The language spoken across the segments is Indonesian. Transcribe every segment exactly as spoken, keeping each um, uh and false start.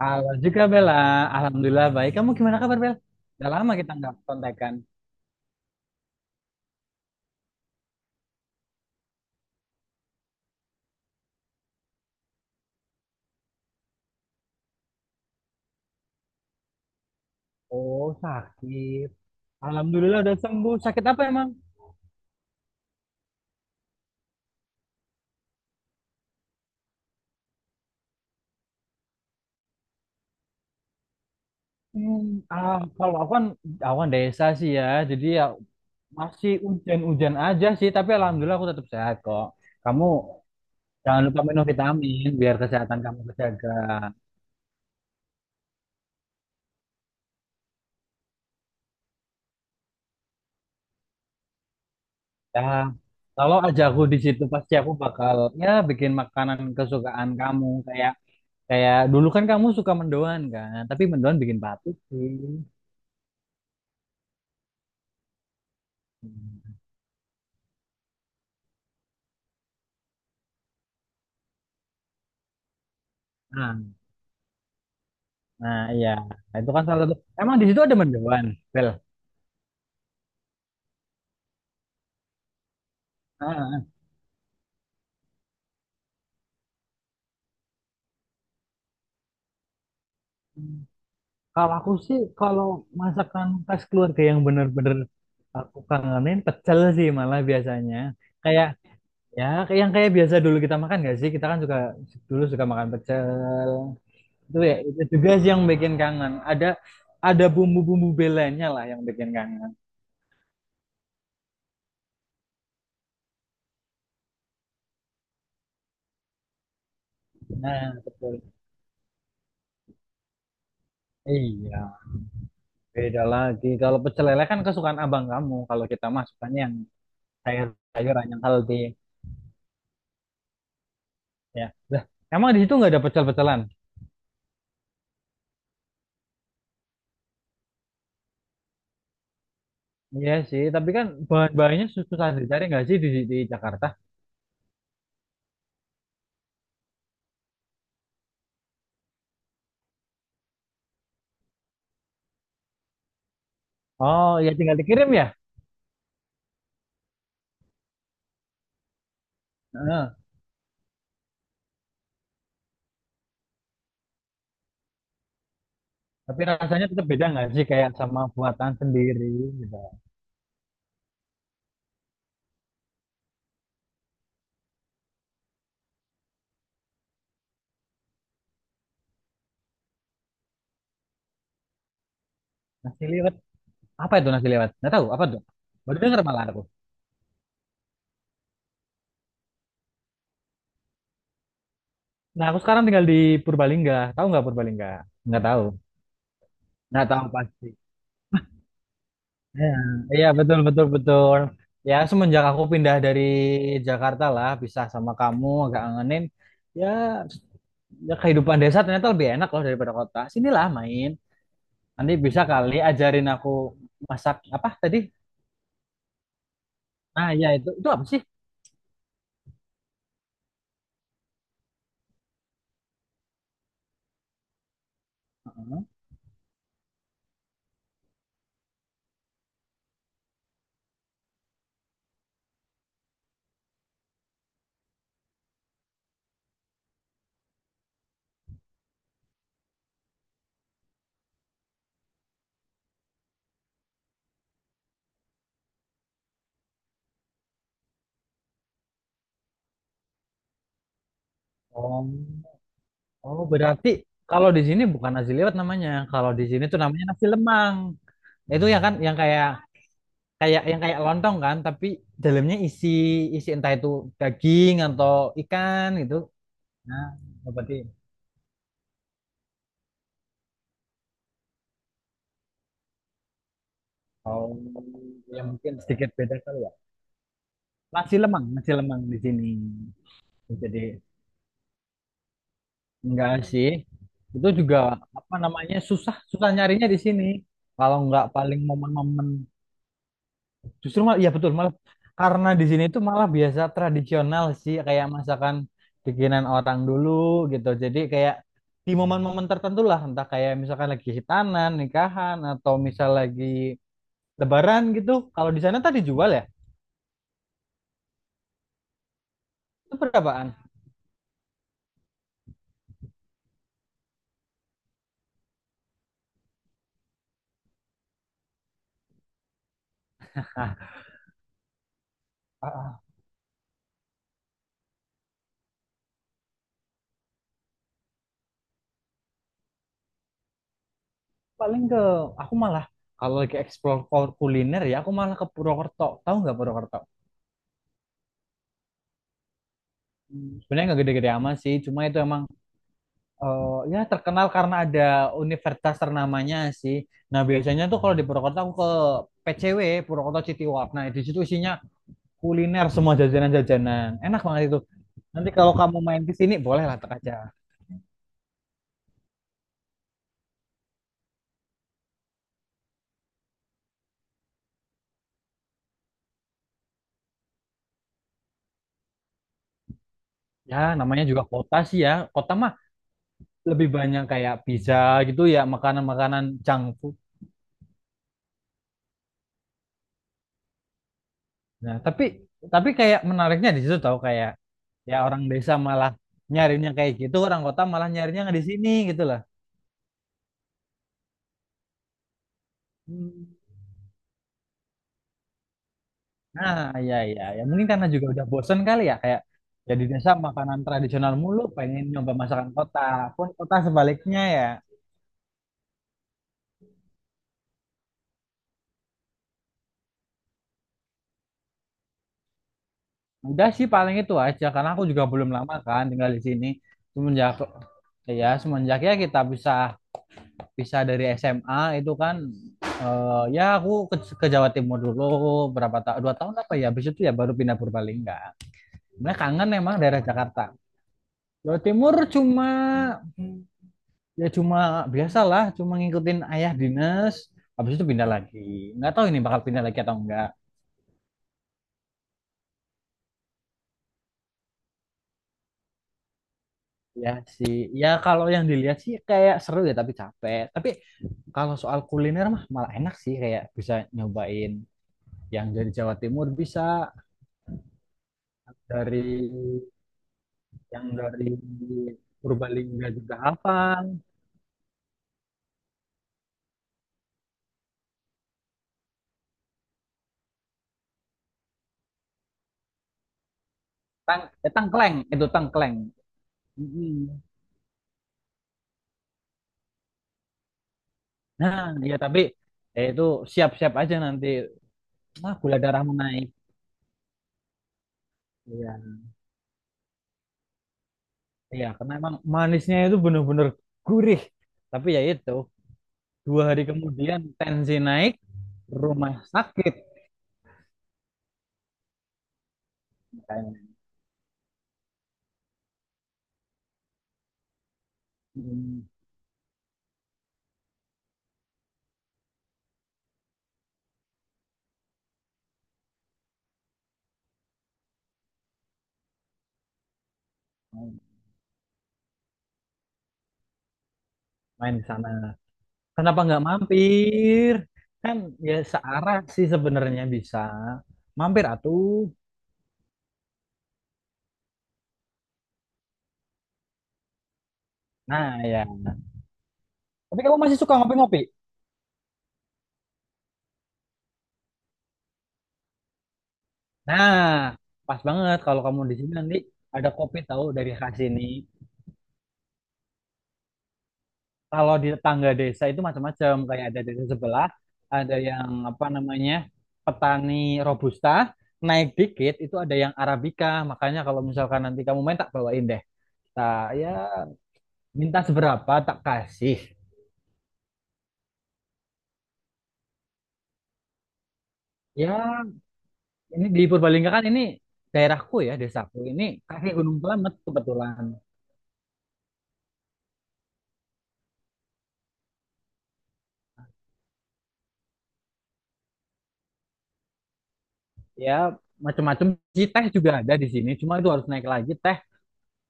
Halo juga Bella, alhamdulillah baik. Kamu gimana kabar, Bel? Udah lama kita nggak kontekan. Oh sakit. Alhamdulillah udah sembuh. Sakit apa emang? Hmm, ah, kalau aku kan awan desa sih ya, jadi ya masih hujan-hujan aja sih. Tapi alhamdulillah aku tetap sehat kok. Kamu jangan lupa minum vitamin biar kesehatan kamu terjaga. Ya, kalau aja aku di situ pasti aku bakal ya bikin makanan kesukaan kamu kayak Kayak dulu kan kamu suka mendoan kan, tapi mendoan bikin batik sih. Hmm. Nah, nah iya, Nah, itu kan salah satu. Emang di situ ada mendoan, Bel. Ah, ah. Kalau aku sih, kalau masakan khas keluarga yang bener-bener aku kangenin, pecel sih malah biasanya. Kayak ya, kayak yang kayak biasa dulu kita makan gak sih? Kita kan suka dulu suka makan pecel. Itu ya, itu juga sih yang bikin kangen. Ada ada bumbu-bumbu belenya lah yang bikin kangen. Nah, betul. Iya. Beda lagi. Kalau pecel lele kan kesukaan abang kamu. Kalau kita masukannya yang sayur-sayuran yang healthy. Ya. Lah, emang di situ nggak ada pecel-pecelan? Iya sih, tapi kan bahan-bahannya susah dicari nggak sih di, di Jakarta? Oh, ya tinggal dikirim ya? Heeh. Tapi rasanya tetap beda nggak sih kayak sama buatan sendiri gitu. Nasi liwet. Apa itu nasi liwet? Nggak tahu, apa tuh? Baru denger malah aku. Nah, aku sekarang tinggal di Purbalingga. Tahu nggak Purbalingga? Nggak tahu. Nggak tahu pasti. Iya, iya, betul betul betul. Ya semenjak aku pindah dari Jakarta lah, pisah sama kamu agak ngangenin. Ya, ya kehidupan desa ternyata lebih enak loh daripada kota. Sinilah main. Nanti bisa kali ajarin aku masak apa tadi? Nah, ya itu itu apa sih? Oh, oh berarti kalau di sini bukan nasi liwet namanya. Kalau di sini tuh namanya nasi lemang. Itu ya kan yang kayak kayak yang kayak lontong kan, tapi dalamnya isi isi entah itu daging atau ikan gitu. Nah, seperti oh ya mungkin sedikit beda kali ya. Nasi lemang, nasi lemang di sini. Jadi enggak sih. Itu juga apa namanya susah, susah nyarinya di sini. Kalau enggak paling momen-momen justru malah ya betul malah karena di sini itu malah biasa tradisional sih kayak masakan bikinan orang dulu gitu. Jadi kayak di momen-momen tertentu lah entah kayak misalkan lagi hitanan, nikahan atau misal lagi lebaran gitu. Kalau di sana tadi jual ya? Itu berapaan. Ah, paling ke aku malah kalau lagi explore kul- kuliner ya aku malah ke Purwokerto, tahu nggak Purwokerto? Hmm, sebenarnya nggak gede-gede amat sih, cuma itu emang eh, ya terkenal karena ada universitas ternamanya sih. Nah biasanya tuh kalau di Purwokerto aku ke P C W, Purwokerto City Walk. Nah di situ isinya kuliner semua, jajanan-jajanan enak banget itu. Nanti kalau kamu main ke sini boleh lah tak aja. Ya namanya juga kota sih, ya kota mah lebih banyak kayak pizza gitu ya, makanan-makanan junk food. Nah, tapi tapi kayak menariknya di situ tahu kayak ya orang desa malah nyarinya kayak gitu, orang kota malah nyarinya nggak di sini gitu lah. Hmm. Nah, ya ya ya mungkin karena juga udah bosen kali ya, kayak ya di desa makanan tradisional mulu pengen nyoba masakan kota. Pun kota sebaliknya ya. Udah sih paling itu aja karena aku juga belum lama kan tinggal di sini. Semenjak ya semenjak ya kita bisa bisa dari S M A itu kan. eh, ya aku ke, ke Jawa Timur dulu berapa tahun, dua tahun apa ya, habis itu ya baru pindah Purbalingga. Sebenarnya kangen emang daerah Jakarta. Jawa Timur cuma ya cuma biasalah cuma ngikutin ayah dinas habis itu pindah lagi. Nggak tahu ini bakal pindah lagi atau enggak. Ya sih, ya kalau yang dilihat sih kayak seru ya tapi capek. Tapi kalau soal kuliner mah malah enak sih, kayak bisa nyobain yang dari Jawa Timur, bisa dari yang dari Purbalingga juga hafal. Tang, eh, tangkleng, itu tangkleng. Mm-mm. Nah, iya tapi eh, itu siap-siap aja nanti. Wah, gula darah menaik. Iya, iya karena emang manisnya itu bener-bener gurih. Tapi ya itu, dua hari kemudian tensi naik, rumah sakit kayaknya. Mm, main main di sana. Kenapa nggak mampir? Kan ya searah sih sebenarnya bisa. Mampir atuh. Nah, ya. Tapi kamu masih suka ngopi-ngopi? Nah, pas banget kalau kamu di sini nanti ada kopi tahu dari khas ini. Kalau di tetangga desa itu macam-macam, kayak ada desa sebelah, ada yang apa namanya petani robusta, naik dikit itu ada yang arabica. Makanya kalau misalkan nanti kamu main tak bawain deh. Tak ya minta seberapa tak kasih. Ya ini di Purbalingga kan ini daerahku ya desaku ini kaki Gunung Slamet kebetulan. Ya macam-macam sih, teh juga ada di sini cuma itu harus naik lagi. Teh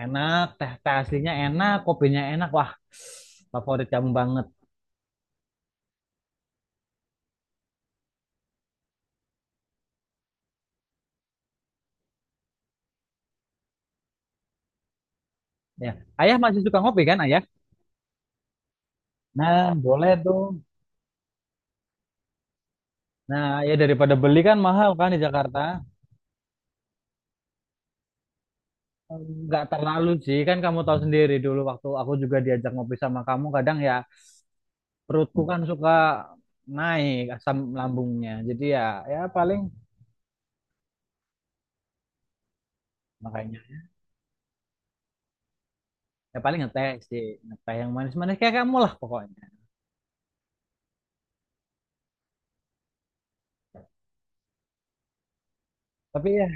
enak, teh teh aslinya enak, kopinya enak, wah favorit kamu banget. Ya ayah masih suka ngopi kan ayah, nah boleh tuh. Nah ya daripada beli kan mahal kan di Jakarta. Nggak terlalu sih, kan kamu tahu sendiri dulu waktu aku juga diajak ngopi sama kamu kadang ya perutku kan suka naik asam lambungnya, jadi ya ya paling makanya ya paling ngeteh sih, ngeteh yang manis-manis kayak kamu lah pokoknya. Tapi ya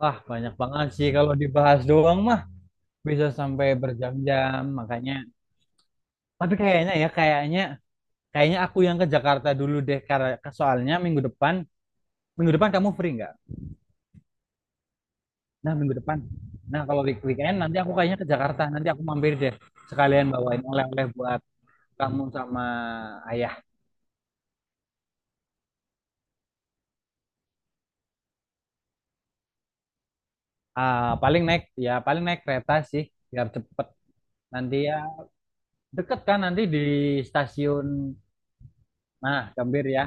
wah, banyak banget sih kalau dibahas doang mah bisa sampai berjam-jam makanya. Tapi kayaknya ya kayaknya kayaknya aku yang ke Jakarta dulu deh karena soalnya minggu depan, minggu depan kamu free nggak? Nah minggu depan. Nah kalau week- weekend nanti aku kayaknya ke Jakarta, nanti aku mampir deh sekalian bawain oleh-oleh buat kamu sama ayah. Ah, paling naik ya paling naik kereta sih biar cepet. Nanti ya deket kan nanti di stasiun. Nah Gambir ya,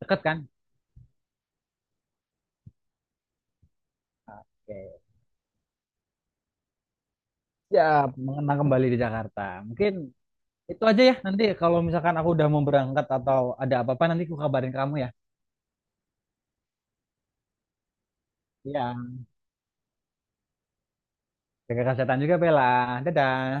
deket kan? Oke. Ya, mengenang kembali di Jakarta. Mungkin itu aja ya. Nanti kalau misalkan aku udah mau berangkat atau ada apa-apa, nanti aku kabarin kamu ya. Ya, jaga kesehatan juga, Bella. Dadah.